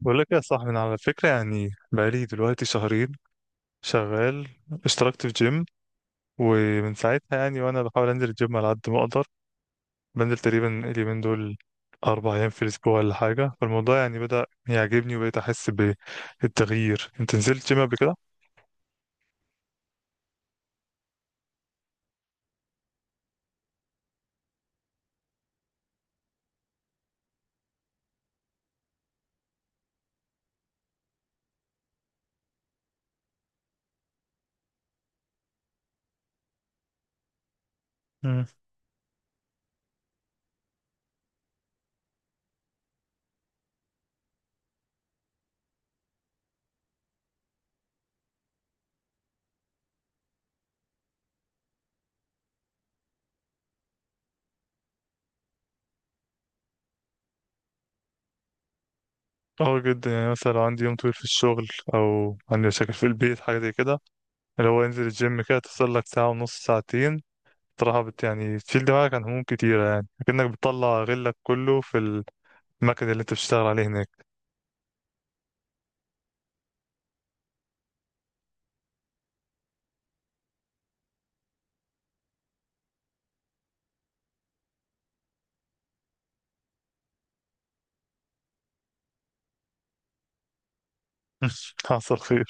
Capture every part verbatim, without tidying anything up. بقول لك يا صاحبي، انا على فكره يعني بقالي دلوقتي شهرين شغال. اشتركت في جيم، ومن ساعتها يعني وانا بحاول انزل الجيم على قد ما اقدر. بنزل تقريبا اليومين دول اربع ايام في الاسبوع ولا حاجه. فالموضوع يعني بدا يعجبني وبقيت احس بالتغيير. انت نزلت جيم قبل كده؟ مم. اه جدا، يعني مثلا لو عندي يوم طويل في الشغل، او عندي مشاكل في البيت، حاجه زي كده، اللي هو انزل الجيم كده، تفصل لك ساعه ونص، ساعتين. صراحة بت يعني تشيل دماغك عن هموم كتيرة، يعني كأنك بتطلع غلك كله في المكن اللي انت بتشتغل عليه هناك. حصل خير.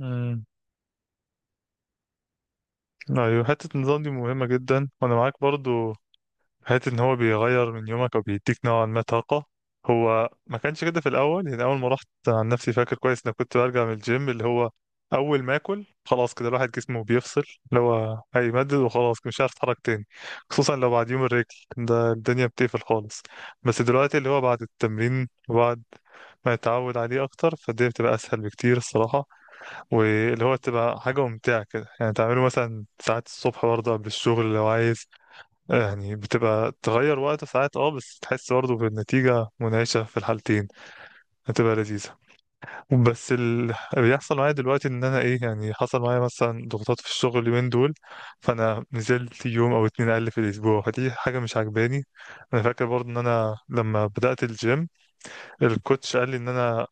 امم، ايوه، حتة النظام دي مهمة جدا، وانا معاك برضو. حتة ان هو بيغير من يومك او بيديك نوعا ما طاقة. هو ما كانش كده في الاول، يعني اول ما رحت عن نفسي فاكر كويس ان كنت برجع من الجيم، اللي هو اول ما اكل خلاص كده الواحد جسمه بيفصل، اللي هو هيمدد وخلاص مش عارف اتحرك تاني. خصوصا لو بعد يوم الرجل ده، الدنيا بتقفل خالص. بس دلوقتي اللي هو بعد التمرين وبعد ما يتعود عليه اكتر، فالدنيا بتبقى اسهل بكتير الصراحة. واللي هو تبقى حاجة ممتعة كده، يعني تعمله مثلا ساعات الصبح برضه قبل الشغل لو عايز. آه، يعني بتبقى تغير وقت ساعات، اه، بس تحس برضه بالنتيجة منعشة في الحالتين، هتبقى لذيذة. بس اللي بيحصل معايا دلوقتي ان انا ايه، يعني حصل معايا مثلا ضغوطات في الشغل اليومين دول، فانا نزلت يوم او اتنين اقل في الاسبوع، فدي حاجة مش عجباني. انا فاكر برضه ان انا لما بدأت الجيم، الكوتش قال لي ان انا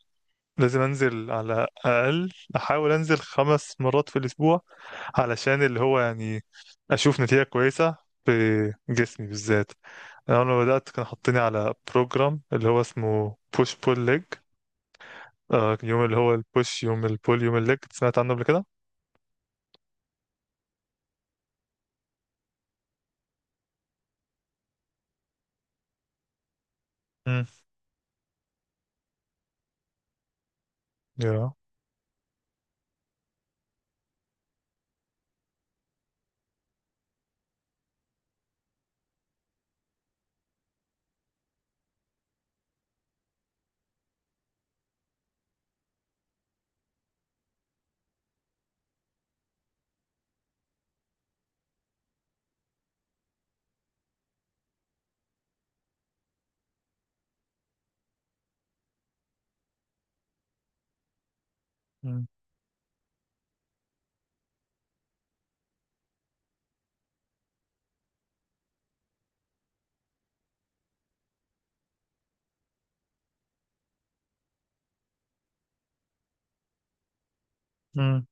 لازم انزل على اقل، احاول انزل خمس مرات في الاسبوع، علشان اللي هو يعني اشوف نتيجة كويسة في جسمي بالذات. انا لما بدأت كان حاطيني على بروجرام اللي هو اسمه بوش بول ليج، يوم اللي هو البوش، يوم البول، يوم الليج. سمعت عنه قبل كده؟ امم، يا، مم. مم.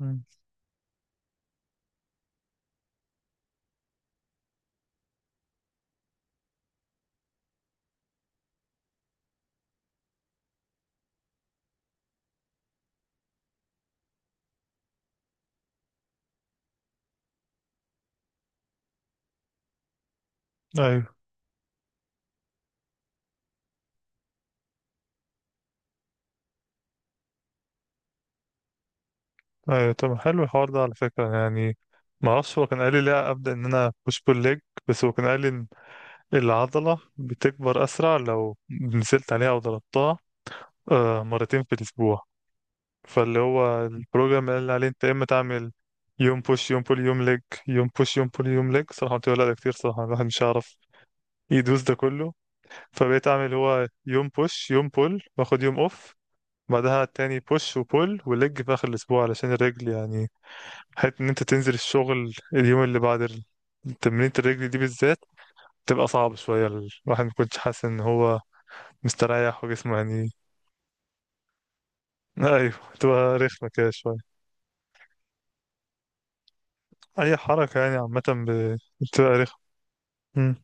مم. ايوه. ايوه، طب حلو الحوار ده على فكرة يعني. ما اعرفش، هو كان قال لي لا ابدأ ان انا بوش بول ليج، بس هو كان قال لي العضلة بتكبر أسرع لو نزلت عليها أو ضربتها آه، مرتين في الأسبوع، فاللي هو البروجرام اللي عليه أنت يا إما تعمل يوم بوش يوم بول يوم ليج، يوم بوش يوم بول يوم ليج. صراحة قلت له لا، ده كتير صراحة، الواحد مش هيعرف يدوس ده كله. فبقيت أعمل هو يوم بوش يوم بول وآخد يوم أوف، بعدها تاني بوش وبول وليج في آخر الأسبوع علشان الرجل يعني. حتى إن أنت تنزل الشغل اليوم اللي بعد ال- تمرينة الرجل دي بالذات تبقى صعبة شوية. الواحد ما كنتش حاسس إن هو مستريح وجسمه يعني. ايوه، تبقى رخمة كده شوية. اي حركة يعني عامة ب- بتبقى رخمة. امم.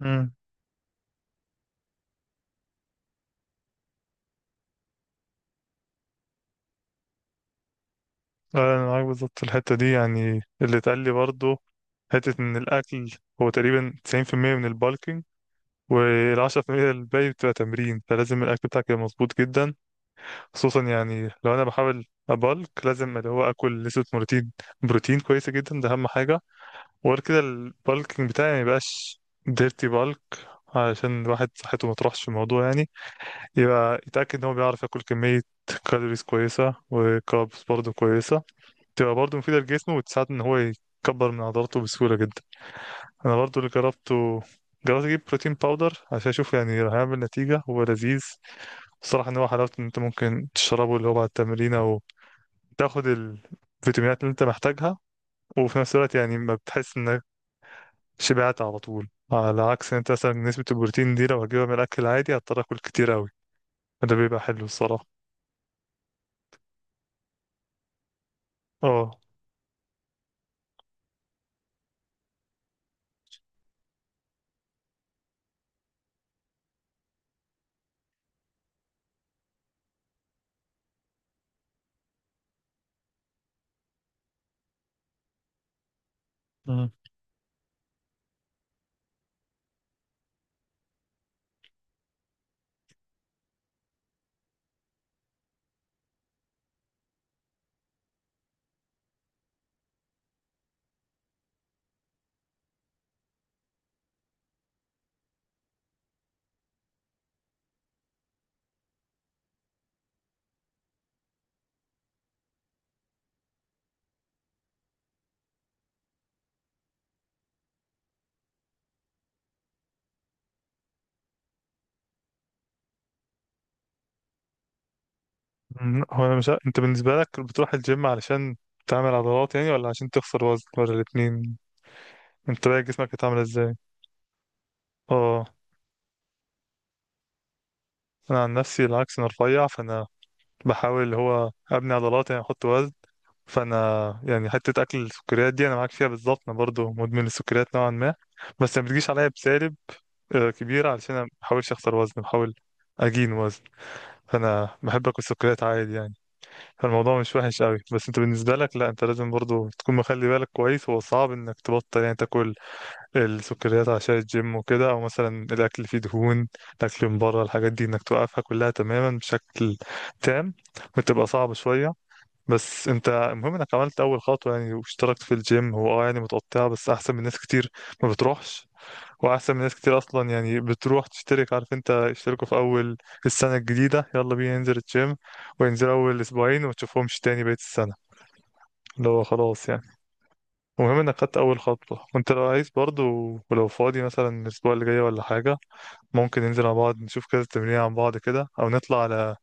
امم، انا معاك بالظبط في الحتة دي. يعني اللي اتقال لي برضه، حتة ان الاكل هو تقريبا تسعين في المية من البالكينج، والعشرة في المية الباقي بتبقى تمرين. فلازم الأكل بتاعك يبقى مظبوط جدا، خصوصا يعني لو أنا بحاول أبالك، لازم اللي هو آكل نسبة بروتين بروتين كويسة جدا، ده أهم حاجة. وغير كده البالكينج بتاعي ما يبقاش ديرتي بالك، علشان الواحد صحته ما تروحش في الموضوع يعني. يبقى يتأكد ان هو بيعرف ياكل كمية كالوريز كويسة، وكاربس برضه كويسة تبقى برضه مفيدة لجسمه، وتساعد ان هو يكبر من عضلاته بسهولة جدا. انا برضه اللي جربته، جربت اجيب بروتين باودر عشان اشوف يعني هيعمل نتيجة. هو لذيذ الصراحة، ان هو حلاوته ان انت ممكن تشربه اللي هو بعد التمرين، او تاخد الفيتامينات اللي انت محتاجها، وفي نفس الوقت يعني ما بتحس انك شبعت على طول، على عكس انت مثلا نسبة البروتين دي لو هجيبها من الأكل العادي هضطر آكل كتير أوي. فده بيبقى حلو الصراحة. اه. مم. أمم، هو أنا مش ع- انت بالنسبة لك بتروح الجيم علشان تعمل عضلات يعني، ولا عشان تخسر وزن، ولا الاتنين؟ انت بقى جسمك هتعمل ازاي؟ اه. أنا عن نفسي العكس، أنا رفيع، فأنا بحاول اللي هو أبني عضلات يعني، أحط وزن. فانا يعني حته اكل السكريات دي انا معاك فيها بالظبط، انا برضو مدمن السكريات نوعا ما. بس ما بتجيش عليا بسالب آه، كبيره، علشان انا ما بحاولش اخسر وزن، بحاول اجين وزن. فانا بحب اكل سكريات عادي يعني. فالموضوع مش وحش قوي. بس انت بالنسبه لك لا، انت لازم برضو تكون مخلي بالك كويس. هو صعب انك تبطل يعني تاكل السكريات عشان الجيم وكده، او مثلا الاكل اللي فيه دهون، الاكل من بره، الحاجات دي انك توقفها كلها تماما بشكل تام، بتبقى صعبه شويه. بس انت المهم انك عملت اول خطوه يعني، واشتركت في الجيم. هو اه يعني متقطعه، بس احسن من ناس كتير ما بتروحش. واحسن من ناس كتير اصلا، يعني بتروح تشترك، عارف انت اشتركوا في اول السنه الجديده، يلا بينا ننزل الجيم، وينزل اول اسبوعين وما تشوفهمش تاني بقيه السنه، اللي هو خلاص يعني. المهم انك خدت اول خطوه. وانت لو عايز برضو، ولو فاضي مثلا الاسبوع اللي جاي ولا حاجه، ممكن ننزل مع بعض، نشوف كذا تمرين عن بعض كده، او نطلع على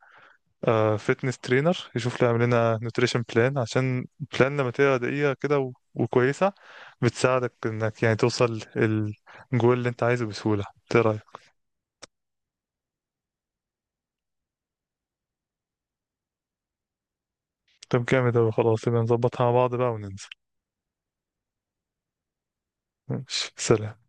فيتنس ترينر يشوف لي يعمل لنا نوتريشن بلان، عشان بلان لما تبقى دقيقة كده و- وكويسة، بتساعدك انك يعني توصل الجول اللي انت عايزه بسهولة. ايه رأيك؟ طب جامد اوي. خلاص يبقى نظبطها مع بعض بقى وننزل. ماشي، سلام.